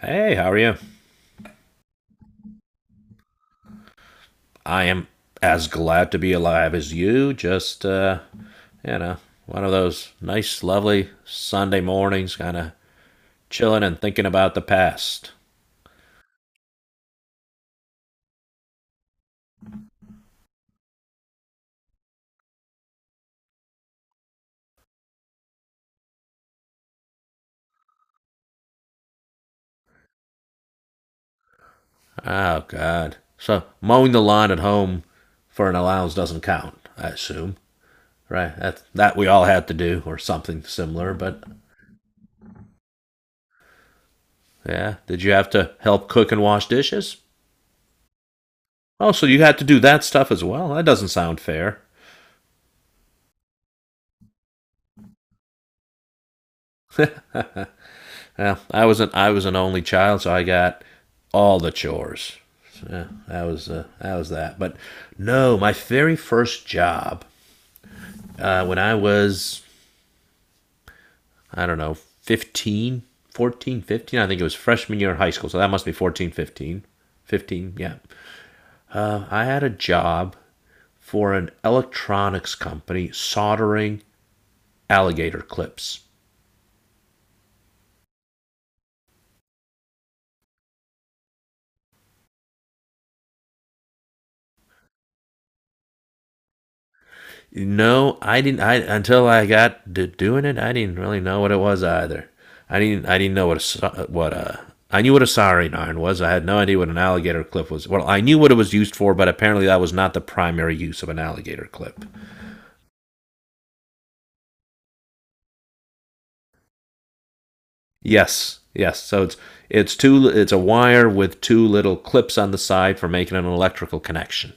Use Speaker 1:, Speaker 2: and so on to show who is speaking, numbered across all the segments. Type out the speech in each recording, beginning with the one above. Speaker 1: Hey, how are you? I am as glad to be alive as you. Just, you know, one of those nice, lovely Sunday mornings, kind of chilling and thinking about the past. Oh, God. So, mowing the lawn at home for an allowance doesn't count, I assume, right? That we all had to do, or something similar, but yeah. Did you have to help cook and wash dishes? Oh, so you had to do that stuff as well? That doesn't sound fair. Well, I was an only child, so I got all the chores. So, yeah, that was that was that. But no, my very first job when I was I don't know 15, 14, 15. I think it was freshman year in high school, so that must be 14, 15, 15. Yeah, I had a job for an electronics company soldering alligator clips. No, I didn't. I Until I got to doing it, I didn't really know what it was either. I didn't know what a. I knew what a soldering iron was. I had no idea what an alligator clip was. Well, I knew what it was used for, but apparently that was not the primary use of an alligator clip. Yes, yes. So it's two. It's a wire with two little clips on the side for making an electrical connection.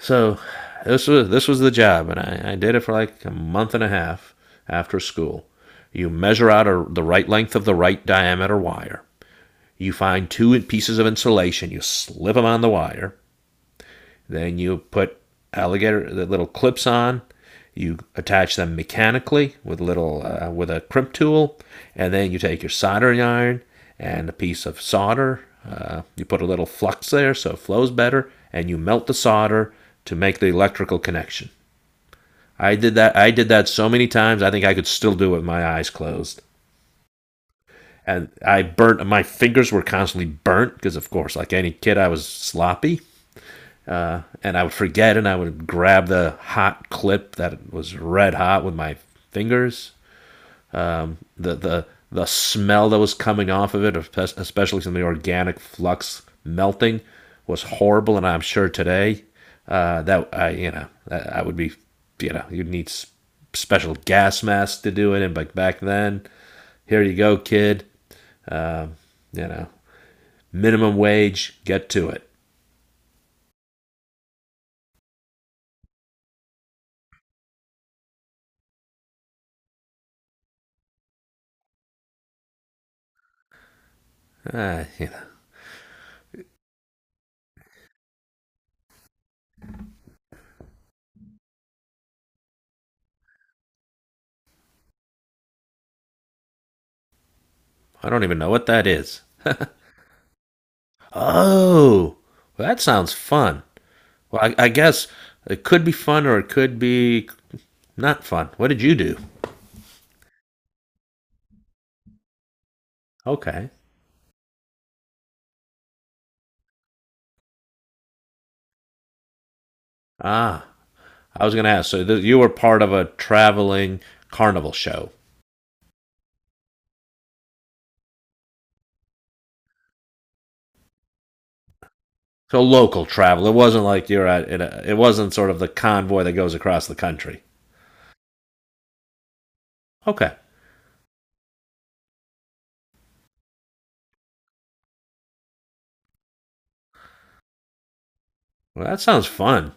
Speaker 1: So this was the job, and I did it for like a month and a half after school. You measure out the right length of the right diameter wire. You find two pieces of insulation. You slip them on the wire. Then you put alligator the little clips on. You attach them mechanically with little with a crimp tool, and then you take your soldering iron and a piece of solder. You put a little flux there so it flows better, and you melt the solder to make the electrical connection. I did that so many times. I think I could still do it with my eyes closed. And I burnt. My fingers were constantly burnt because, of course, like any kid, I was sloppy. And I would forget, and I would grab the hot clip that was red hot with my fingers. The the the smell that was coming off of it, especially from the organic flux melting, was horrible. And I'm sure today that I you know I would be you'd need special gas masks to do it. And but back then, here you go, kid. Um, you know, minimum wage, get to it. Uh, you know, I don't even know what that is. Oh, well, that sounds fun. Well, I guess it could be fun or it could be not fun. What did you do? Okay. Ah, I was going to ask. So you were part of a traveling carnival show. So local travel. It wasn't like you're at. It wasn't sort of the convoy that goes across the country. Okay. Well, that sounds fun.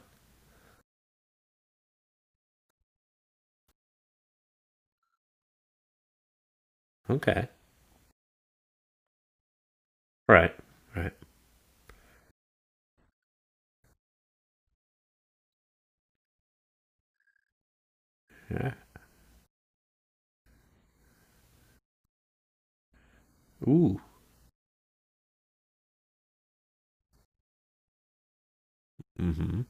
Speaker 1: Okay. Right. Right. Yeah. Ooh. Mm-hmm.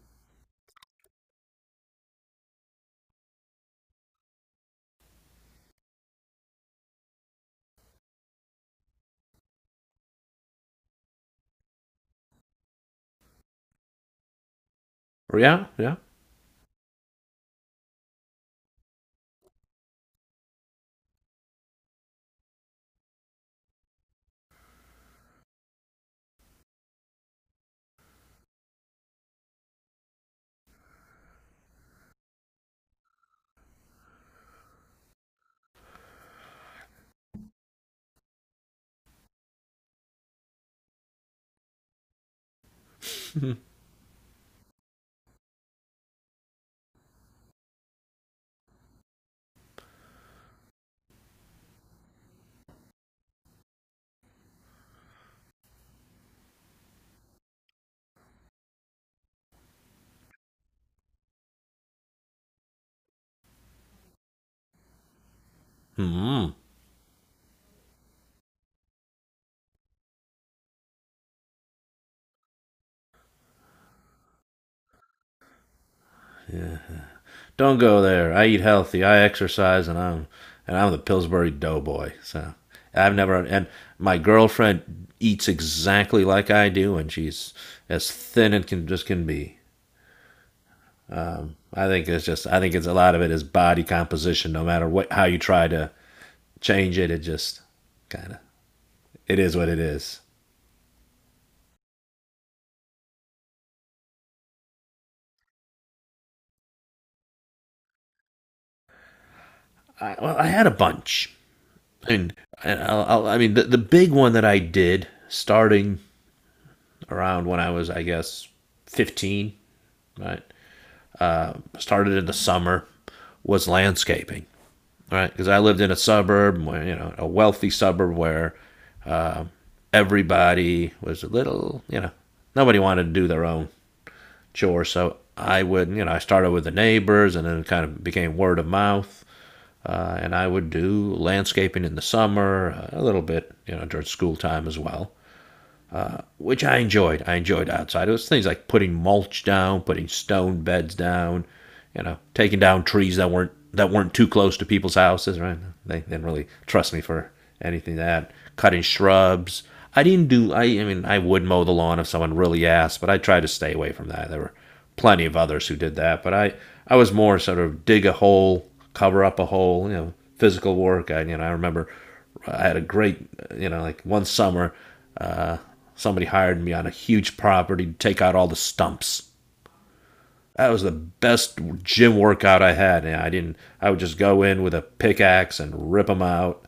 Speaker 1: Yeah. Yeah. Mm-hmm. Don't go there. I eat healthy. I exercise, and I'm the Pillsbury Doughboy. So I've never and my girlfriend eats exactly like I do, and she's as thin and can be. I think it's just I think it's a lot of it is body composition. No matter what how you try to change it, it just kind of it is what it is. Well, I had a bunch, and, I mean the big one that I did starting around when I was 15, right? Started in the summer was landscaping, right? Because I lived in a suburb where, you know, a wealthy suburb where everybody was a little, you know, nobody wanted to do their own chore. So I would, you know, I started with the neighbors and then it kind of became word of mouth. And I would do landscaping in the summer, a little bit, you know, during school time as well. Which I enjoyed. I enjoyed outside. It was things like putting mulch down, putting stone beds down, you know, taking down trees that weren't too close to people's houses. Right? They didn't really trust me for anything that cutting shrubs. I didn't do. I mean, I would mow the lawn if someone really asked, but I tried to stay away from that. There were plenty of others who did that, but I was more sort of dig a hole, cover up a hole, you know, physical work. I you know I remember I had a great like one summer somebody hired me on a huge property to take out all the stumps. That was the best gym workout I had. And I didn't. I would just go in with a pickaxe and rip them out.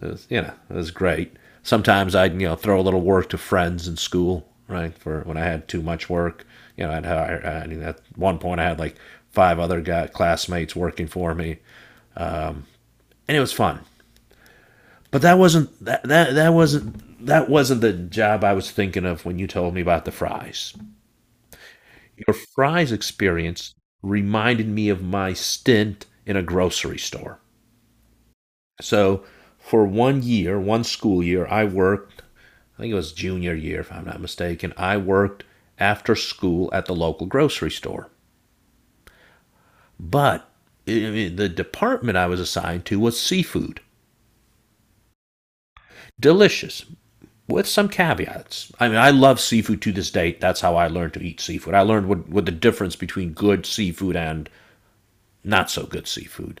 Speaker 1: It was, you know, it was great. Sometimes I'd throw a little work to friends in school, right? For when I had too much work, you know, I'd hire. I mean, at one point I had like five other classmates working for me, and it was fun. But that wasn't the job I was thinking of when you told me about the fries. Your fries experience reminded me of my stint in a grocery store. So for 1 year, one school year, I think it was junior year, if I'm not mistaken, I worked after school at the local grocery store. But I The department I was assigned to was seafood. Delicious, with some caveats. I mean, I love seafood to this day. That's how I learned to eat seafood. I learned what the difference between good seafood and not so good seafood.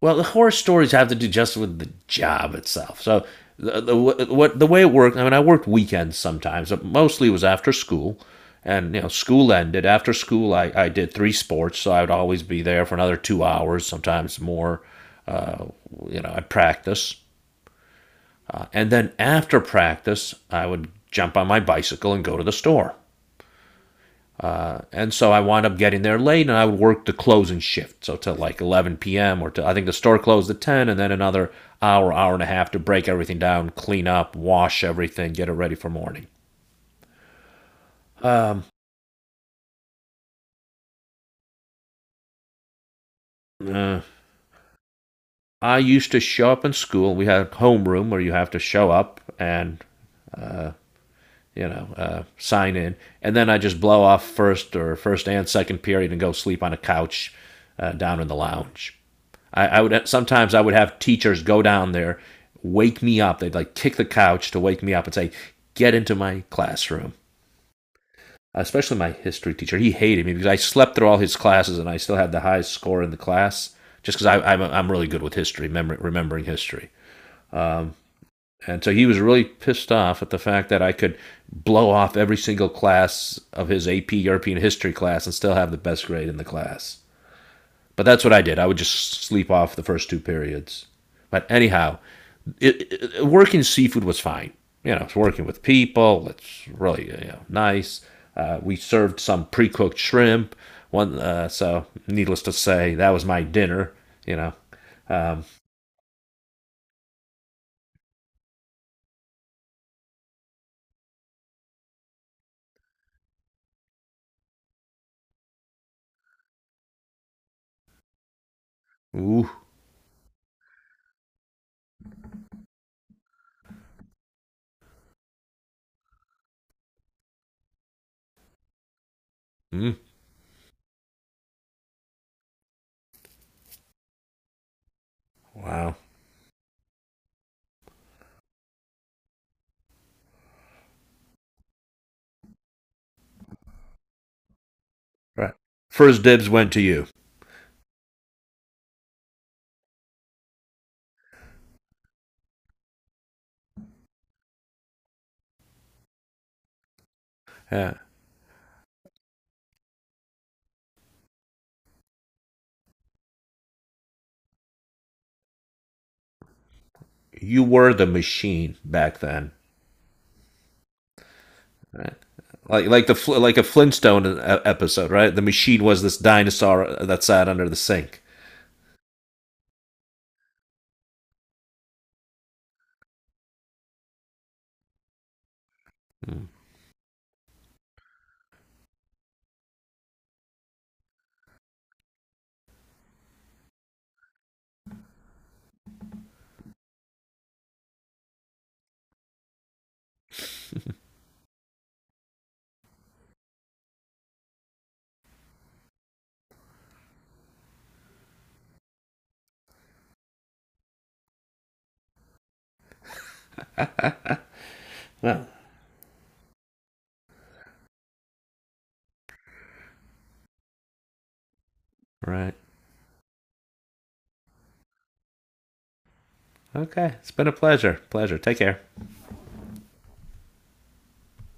Speaker 1: Well, the horror stories have to do just with the job itself. So the, the the way it worked. I mean, I worked weekends sometimes, but mostly it was after school. And you know, school ended. After school, I did three sports, so I would always be there for another 2 hours, sometimes more. Uh, you know, I'd practice, and then after practice, I would jump on my bicycle and go to the store. And so I wound up getting there late, and I would work the closing shift, so to like 11 p.m. or to, I think the store closed at 10, and then another hour, hour and a half to break everything down, clean up, wash everything, get it ready for morning. Um, uh, I used to show up in school. We had a homeroom where you have to show up and sign in, and then I just blow off first or first and second period and go sleep on a couch down in the lounge. I would have teachers go down there, wake me up. They'd like kick the couch to wake me up and say, "Get into my classroom." Especially my history teacher, he hated me because I slept through all his classes and I still had the highest score in the class just because I'm really good with history, remembering history. And so he was really pissed off at the fact that I could blow off every single class of his AP European history class and still have the best grade in the class. But that's what I did. I would just sleep off the first two periods. But anyhow, working seafood was fine. You know, it's working with people. It's really, you know, nice. We served some pre-cooked shrimp. One, so needless to say, that was my dinner. You know, um, ooh, mm, wow. Right. First dibs went to you. Yeah. You were the machine back then. Right. Like a Flintstone episode, right? The machine was this dinosaur that sat under the sink. Mm. Well, right. Okay. It's been a pleasure. Pleasure. Take care.